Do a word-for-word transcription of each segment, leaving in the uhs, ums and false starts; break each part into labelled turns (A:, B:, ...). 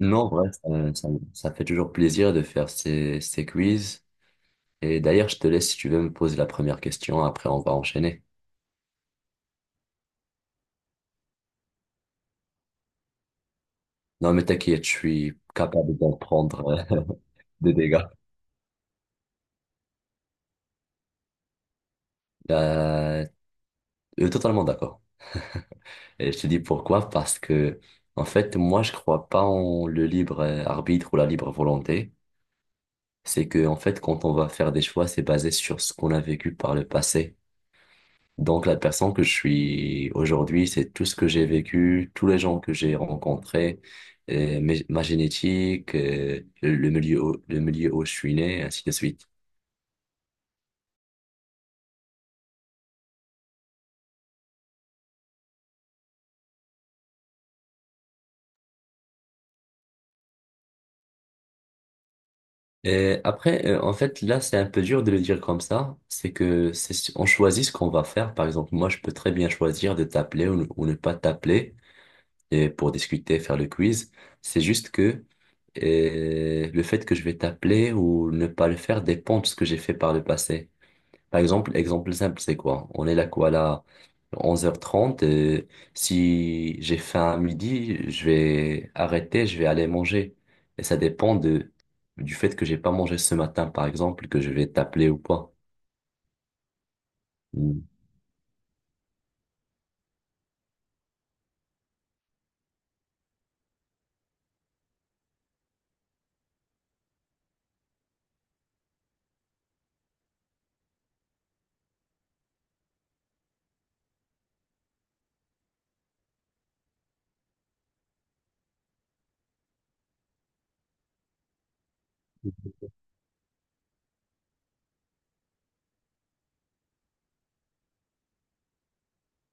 A: Non, ouais, ça, ça- ça fait toujours plaisir de faire ces, ces quiz. Et d'ailleurs, je te laisse si tu veux me poser la première question, après on va enchaîner. Non, mais t'inquiète, je suis capable d'en prendre euh, des dégâts. Euh, euh, Totalement d'accord. Et je te dis pourquoi, parce que, en fait, moi, je crois pas en le libre euh, arbitre ou la libre volonté. C'est que, en fait, quand on va faire des choix, c'est basé sur ce qu'on a vécu par le passé. Donc la personne que je suis aujourd'hui, c'est tout ce que j'ai vécu, tous les gens que j'ai rencontrés, euh, mes- ma génétique, euh, le milieu, où- le milieu où je suis né, ainsi de suite. Et après, euh, en fait, là, c'est un peu dur de le dire comme ça. C'est que c'est, on choisit ce qu'on va faire. Par exemple, moi, je peux très bien choisir de t'appeler ou, ne ou ne pas t'appeler et pour discuter, faire le quiz. C'est juste que euh, le fait que je vais t'appeler ou ne pas le faire dépend de ce que j'ai fait par le passé. Par exemple, exemple simple, c'est quoi? On est là quoi là onze heures trente. Et si j'ai faim à midi, je vais arrêter, je vais aller manger. Et ça dépend de du fait que j'ai pas mangé ce matin, par exemple, que je vais t'appeler ou pas. Mm.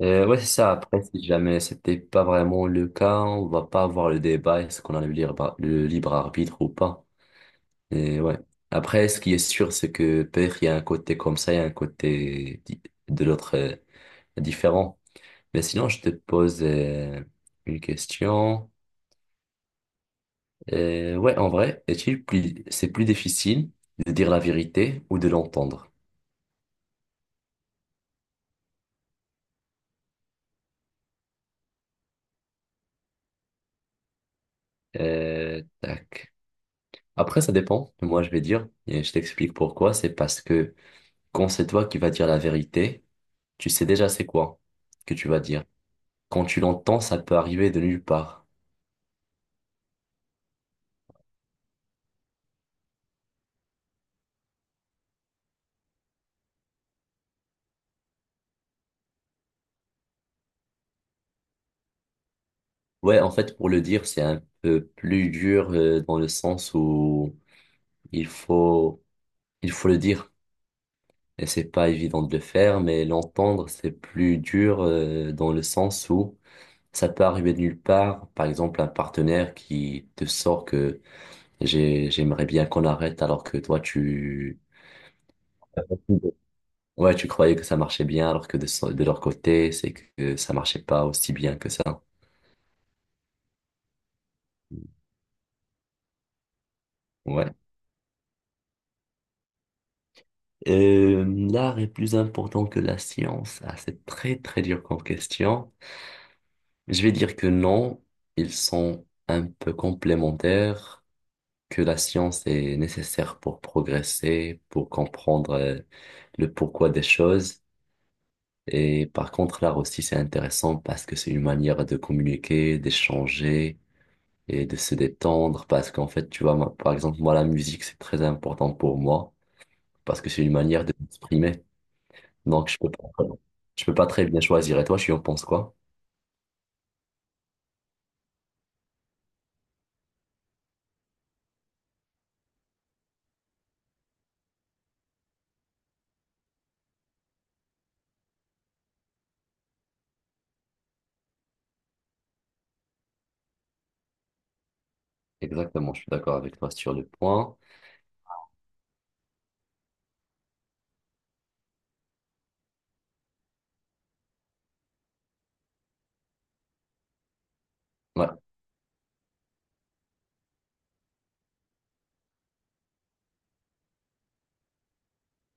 A: Euh, ouais, c'est ça. Après, si jamais c'était pas vraiment le cas, on va pas avoir le débat, est-ce qu'on a le libre, le libre arbitre ou pas. Et ouais. Après, ce qui est sûr, c'est que peut-être il y a un côté comme ça, il y a un côté di- de l'autre euh, différent. Mais sinon, je te pose euh, une question. Euh, ouais, en vrai, est-il plus, c'est plus difficile de dire la vérité ou de l'entendre? Euh, tac. Après, ça dépend. Moi, je vais dire, et je t'explique pourquoi. C'est parce que quand c'est toi qui vas dire la vérité, tu sais déjà c'est quoi que tu vas dire. Quand tu l'entends, ça peut arriver de nulle part. Ouais, en fait, pour le dire, c'est un peu plus dur euh, dans le sens où il faut, il faut le dire. Et c'est pas évident de le faire, mais l'entendre, c'est plus dur euh, dans le sens où ça peut arriver de nulle part. Par exemple, un partenaire qui te sort que j'ai, j'aimerais bien qu'on arrête alors que toi, tu, ouais, tu croyais que ça marchait bien alors que de, so- de leur côté, c'est que ça marchait pas aussi bien que ça. Ouais. Euh, l'art est plus important que la science. Ah, c'est très très dur comme question. Je vais dire que non, ils sont un peu complémentaires. Que la science est nécessaire pour progresser, pour comprendre euh, le pourquoi des choses. Et par contre, l'art aussi, c'est intéressant parce que c'est une manière de communiquer, d'échanger et de se détendre. Parce qu'en fait, tu vois, moi, par exemple, moi, la musique, c'est très important pour moi parce que c'est une manière de m'exprimer. Donc, je peux pas, je peux pas très bien choisir. Et toi, tu en penses quoi? Exactement, je suis d'accord avec toi sur le point. Ouais.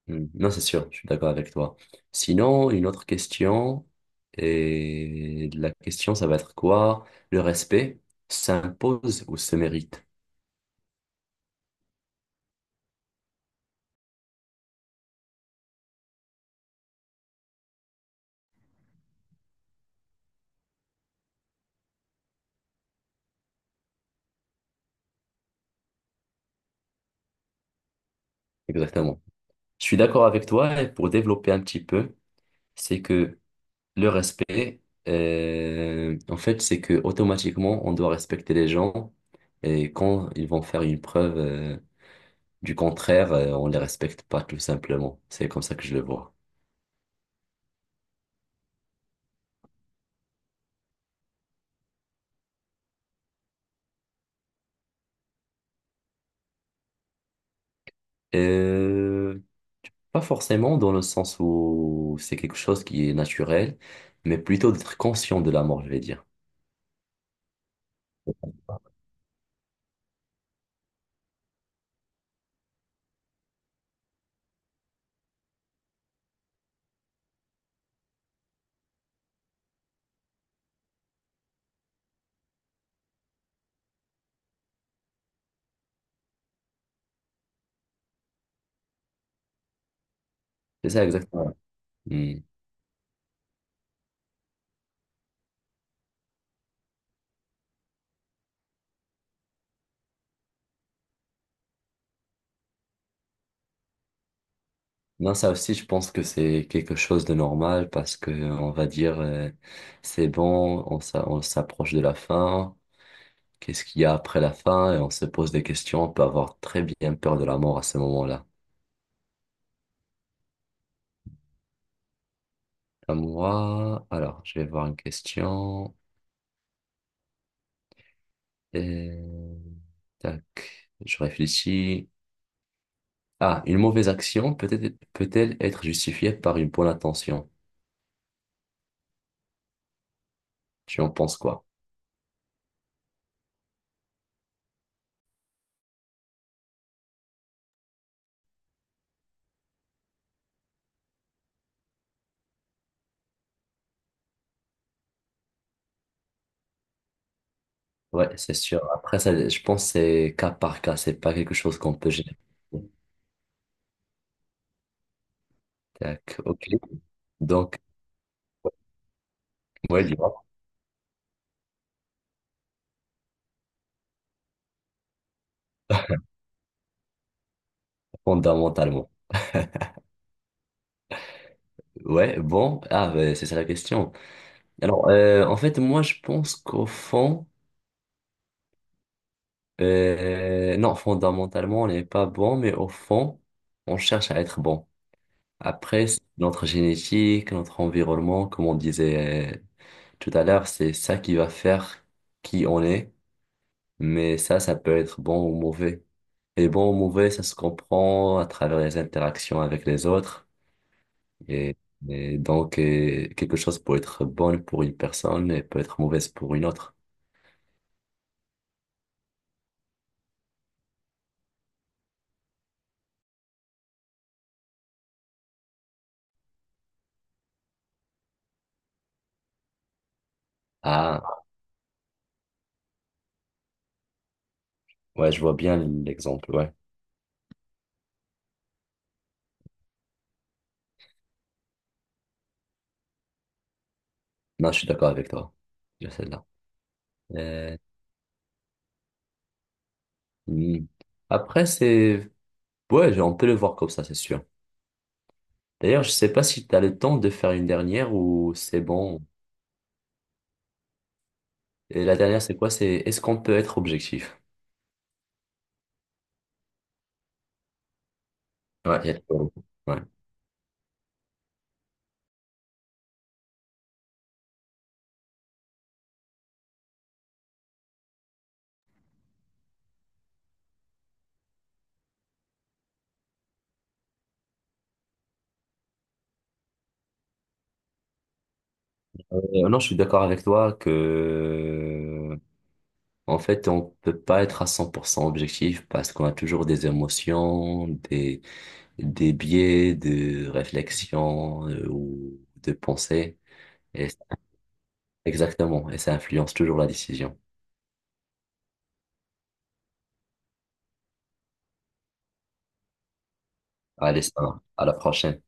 A: Hmm. Non, c'est sûr, je suis d'accord avec toi. Sinon, une autre question, et la question, ça va être quoi? Le respect s'impose ou se mérite? Exactement. Je suis d'accord avec toi, et pour développer un petit peu, c'est que le respect, euh, en fait, c'est que automatiquement, on doit respecter les gens, et quand ils vont faire une preuve, euh, du contraire, euh, on les respecte pas, tout simplement. C'est comme ça que je le vois. Euh, Pas forcément dans le sens où c'est quelque chose qui est naturel, mais plutôt d'être conscient de la mort, je vais dire. C'est ça exactement. Hmm. Non, ça aussi, je pense que c'est quelque chose de normal parce que on va dire euh, c'est bon, on s'a- on s'approche de la fin. Qu'est-ce qu'il y a après la fin? Et on se pose des questions. On peut avoir très bien peur de la mort à ce moment-là. À moi, alors, je vais voir une question. Euh, Tac, je réfléchis. Ah, une mauvaise action peut-être, peut-elle être justifiée par une bonne intention? Tu en penses quoi? Ouais, c'est sûr. Après, ça, je pense que c'est cas par cas, c'est pas quelque chose qu'on peut générer. Tac, ok. Donc, ouais, dis-moi, fondamentalement. Ouais, bon, ah, ben, c'est ça la question. Alors, euh, en fait, moi, je pense qu'au fond, euh, non, fondamentalement, on n'est pas bon, mais au fond, on cherche à être bon. Après, c'est notre génétique, notre environnement, comme on disait tout à l'heure, c'est ça qui va faire qui on est, mais ça, ça peut être bon ou mauvais. Et bon ou mauvais, ça se comprend à travers les interactions avec les autres. Et, et donc, euh, quelque chose peut être bonne pour une personne et peut être mauvaise pour une autre. Ah, ouais, je vois bien l'exemple, ouais. Non, je suis d'accord avec toi. Il y a celle-là. Euh, hmm. Après, c'est... Ouais, on peut le voir comme ça, c'est sûr. D'ailleurs, je sais pas si tu as le temps de faire une dernière ou c'est bon. Et la dernière, c'est quoi? C'est est-ce qu'on peut être objectif? Ouais. Il y a- tout. Ouais. Euh, non, je suis d'accord avec toi que, en fait, on peut pas être à cent pour cent objectif parce qu'on a toujours des émotions, des, des biais de réflexion euh, ou de pensée. Et, exactement. Et ça influence toujours la décision. Allez, ça, va. À la prochaine.